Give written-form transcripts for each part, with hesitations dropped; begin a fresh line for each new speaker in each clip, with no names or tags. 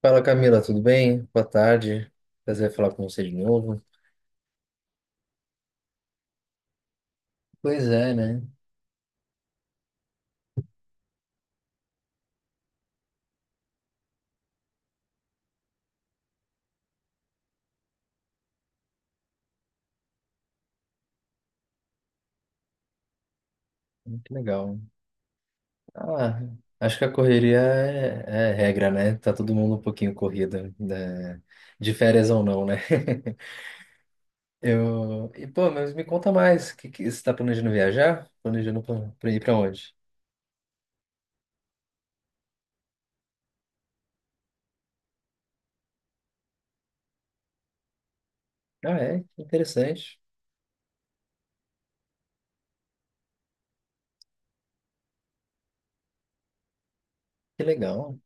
Fala Camila, tudo bem? Boa tarde. Prazer em falar com você de novo. Pois é, né? Que legal. Ah, acho que a correria é regra, né? Tá todo mundo um pouquinho corrido, né? De férias ou não, né? E, pô, mas me conta mais. Você tá planejando viajar? Planejando pra ir pra onde? Ah, é? Que interessante. Que legal.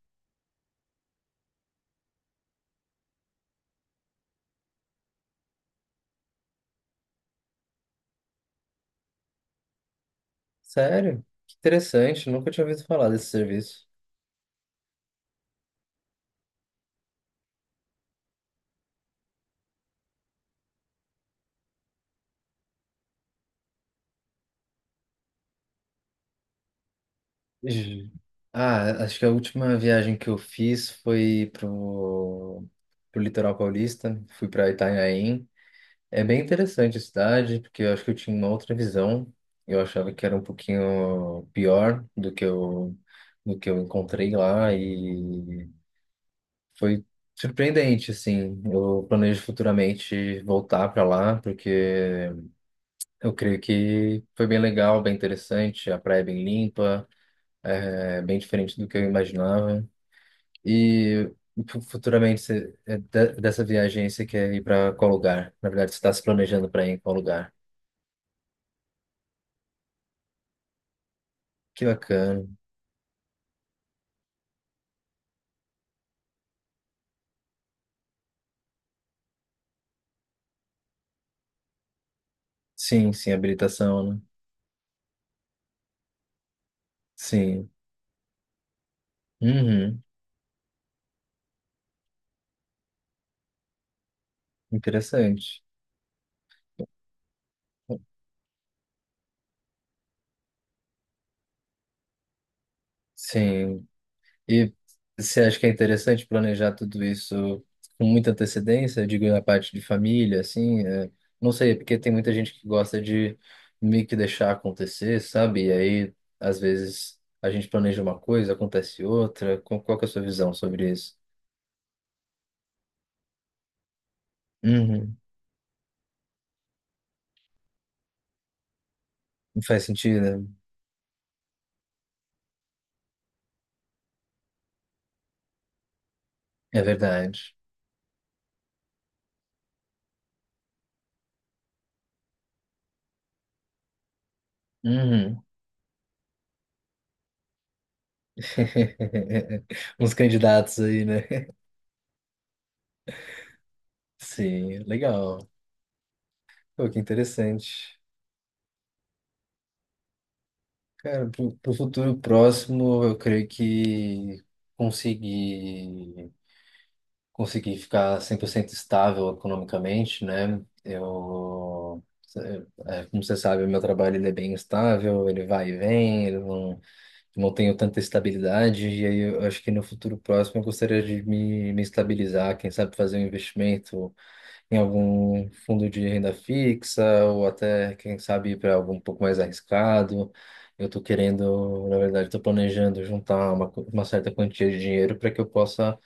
Sério? Que interessante. Nunca tinha ouvido falar desse serviço. Ju- Ah, acho que a última viagem que eu fiz foi pro litoral paulista, fui para Itanhaém. É bem interessante a cidade, porque eu acho que eu tinha uma outra visão. Eu achava que era um pouquinho pior do que eu, encontrei lá e foi surpreendente, assim. Eu planejo futuramente voltar para lá, porque eu creio que foi bem legal, bem interessante, a praia é bem limpa. É bem diferente do que eu imaginava. E futuramente, você, dessa viagem, aí, você quer ir para qual lugar? Na verdade, você está se planejando para ir em qual lugar? Que bacana. Sim, sim, habilitação, né? Sim. Uhum. Interessante. Sim. E você acha que é interessante planejar tudo isso com muita antecedência? Digo, na parte de família, assim, não sei, porque tem muita gente que gosta de meio que deixar acontecer, sabe? E aí, às vezes, a gente planeja uma coisa, acontece outra. Qual que é a sua visão sobre isso? Uhum. Não faz sentido, né? É verdade. Uhum. Uns candidatos aí, né? Sim, legal. Pô, que interessante. Cara, pro futuro próximo, eu creio que conseguir, ficar 100% estável economicamente, né? Eu, como você sabe, o meu trabalho ele é bem estável, ele vai e vem, eu não tenho tanta estabilidade, e aí eu acho que no futuro próximo eu gostaria de me estabilizar, quem sabe fazer um investimento, em algum fundo de renda fixa ou até, quem sabe, para algo um pouco mais arriscado. Eu estou querendo, na verdade, estou planejando juntar uma certa quantia de dinheiro para que eu possa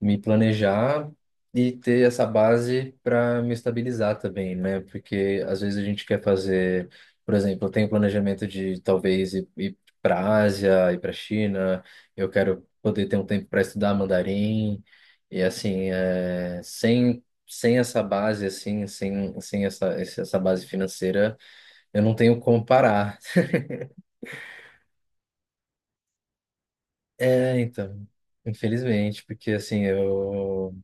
me planejar e ter essa base para me estabilizar também, né? Porque às vezes a gente quer fazer, por exemplo, eu tenho planejamento de talvez ir, para a Ásia, ir para a China, eu quero poder ter um tempo para estudar mandarim e assim, sem essa base assim, sem essa base financeira, eu não tenho como parar. É, então, infelizmente, porque assim, eu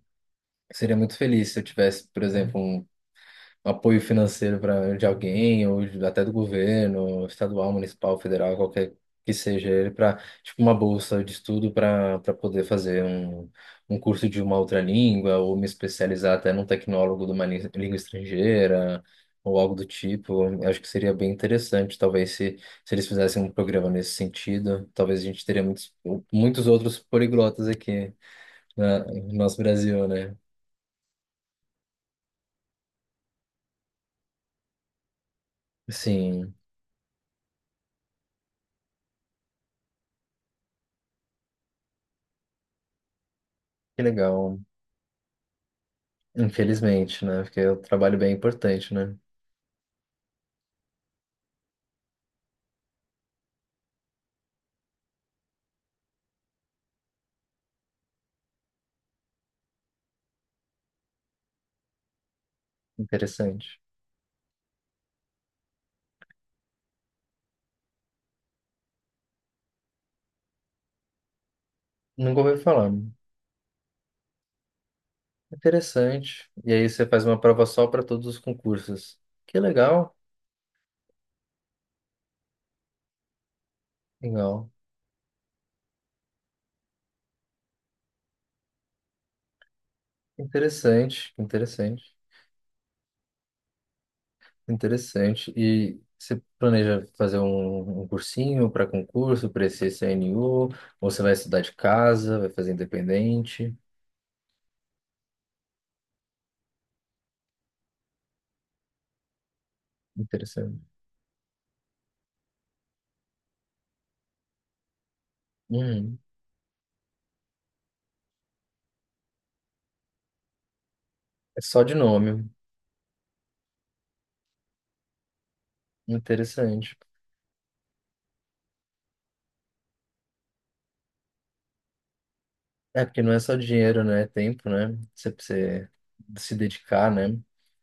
seria muito feliz se eu tivesse, por exemplo, um apoio financeiro para de alguém ou até do governo, estadual, municipal, federal, qualquer que seja ele, para tipo uma bolsa de estudo para poder fazer um curso de uma outra língua ou me especializar até num tecnólogo de uma língua estrangeira ou algo do tipo. Eu acho que seria bem interessante, talvez se eles fizessem um programa nesse sentido, talvez a gente teria muitos muitos outros poliglotas aqui no nosso Brasil, né? Sim, que legal. Infelizmente, né? Porque o trabalho bem importante, né? Interessante. Nunca ouvi falar. Interessante. E aí você faz uma prova só para todos os concursos. Que legal. Legal. Interessante, interessante, interessante. E você planeja fazer um cursinho para concurso, para esse CNU? Ou você vai estudar de casa, vai fazer independente? Interessante. Uhum. É só de nome. Interessante. É, porque não é só dinheiro, né? É tempo, né? Você precisa se dedicar, né?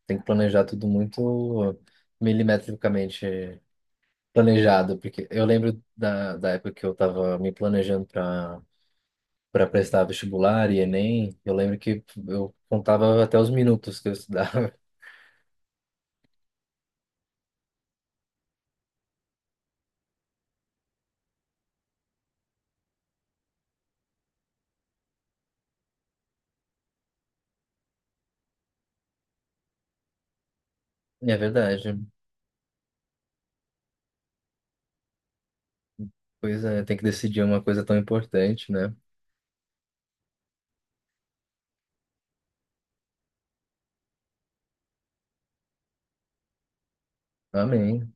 Tem que planejar tudo muito milimetricamente planejado. Porque eu lembro da época que eu estava me planejando para prestar vestibular e Enem. Eu lembro que eu contava até os minutos que eu estudava. É verdade. Pois é, tem que decidir uma coisa tão importante, né? Amém.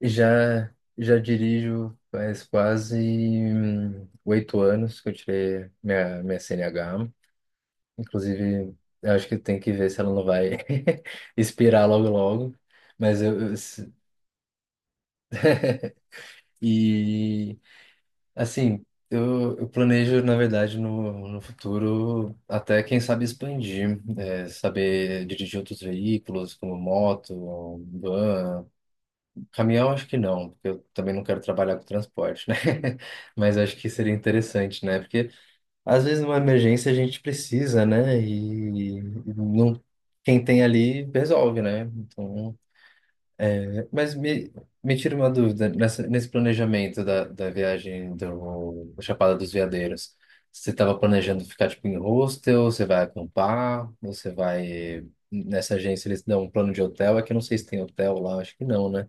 Já dirijo faz quase 8 anos que eu tirei minha CNH. Inclusive, eu acho que tem que ver se ela não vai expirar logo logo. Mas eu, eu- se- e assim, eu planejo, na verdade, no futuro até, quem sabe, expandir, saber dirigir outros veículos, como moto, van, caminhão, acho que não, porque eu também não quero trabalhar com transporte, né? Mas acho que seria interessante, né? Porque às vezes numa emergência a gente precisa, né? E não, quem tem ali resolve, né? Então, mas me tira uma dúvida, nesse planejamento da viagem do, Chapada dos Veadeiros, você estava planejando ficar tipo em hostel, você vai acampar, você vai. Nessa agência eles dão um plano de hotel, é que eu não sei se tem hotel lá, acho que não, né?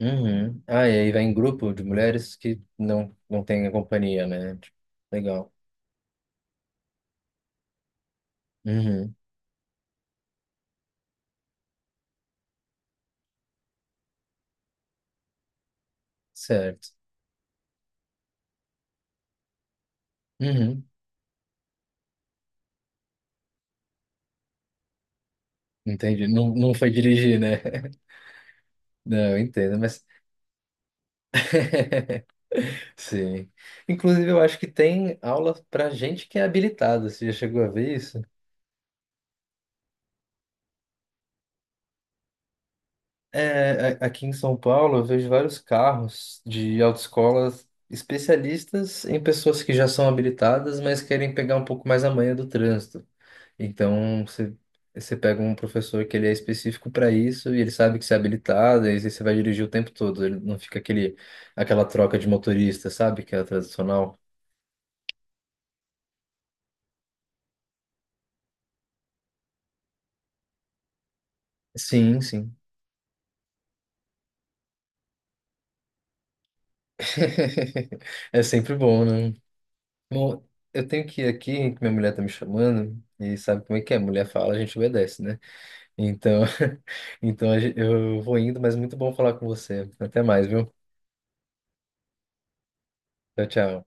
Uhum. Ah, e aí vai em grupo de mulheres que não tem companhia, né? Tipo, legal. Uhum. Certo. Uhum. Entendi. Não, não foi dirigir, né? Não, eu entendo, mas. Sim. Inclusive, eu acho que tem aula pra gente que é habilitada. Você já chegou a ver isso? É, aqui em São Paulo, eu vejo vários carros de autoescolas especialistas em pessoas que já são habilitadas, mas querem pegar um pouco mais a manha do trânsito. Então, você pega um professor que ele é específico para isso e ele sabe que você é habilitado, e aí você vai dirigir o tempo todo. Ele não fica aquele, aquela troca de motorista, sabe? Que é a tradicional. Sim, sim. É sempre bom, né? Bom, eu tenho que ir aqui, que minha mulher tá me chamando, e sabe como é que é? Mulher fala, a gente obedece, né? Então, eu vou indo, mas muito bom falar com você. Até mais, viu? Tchau, tchau.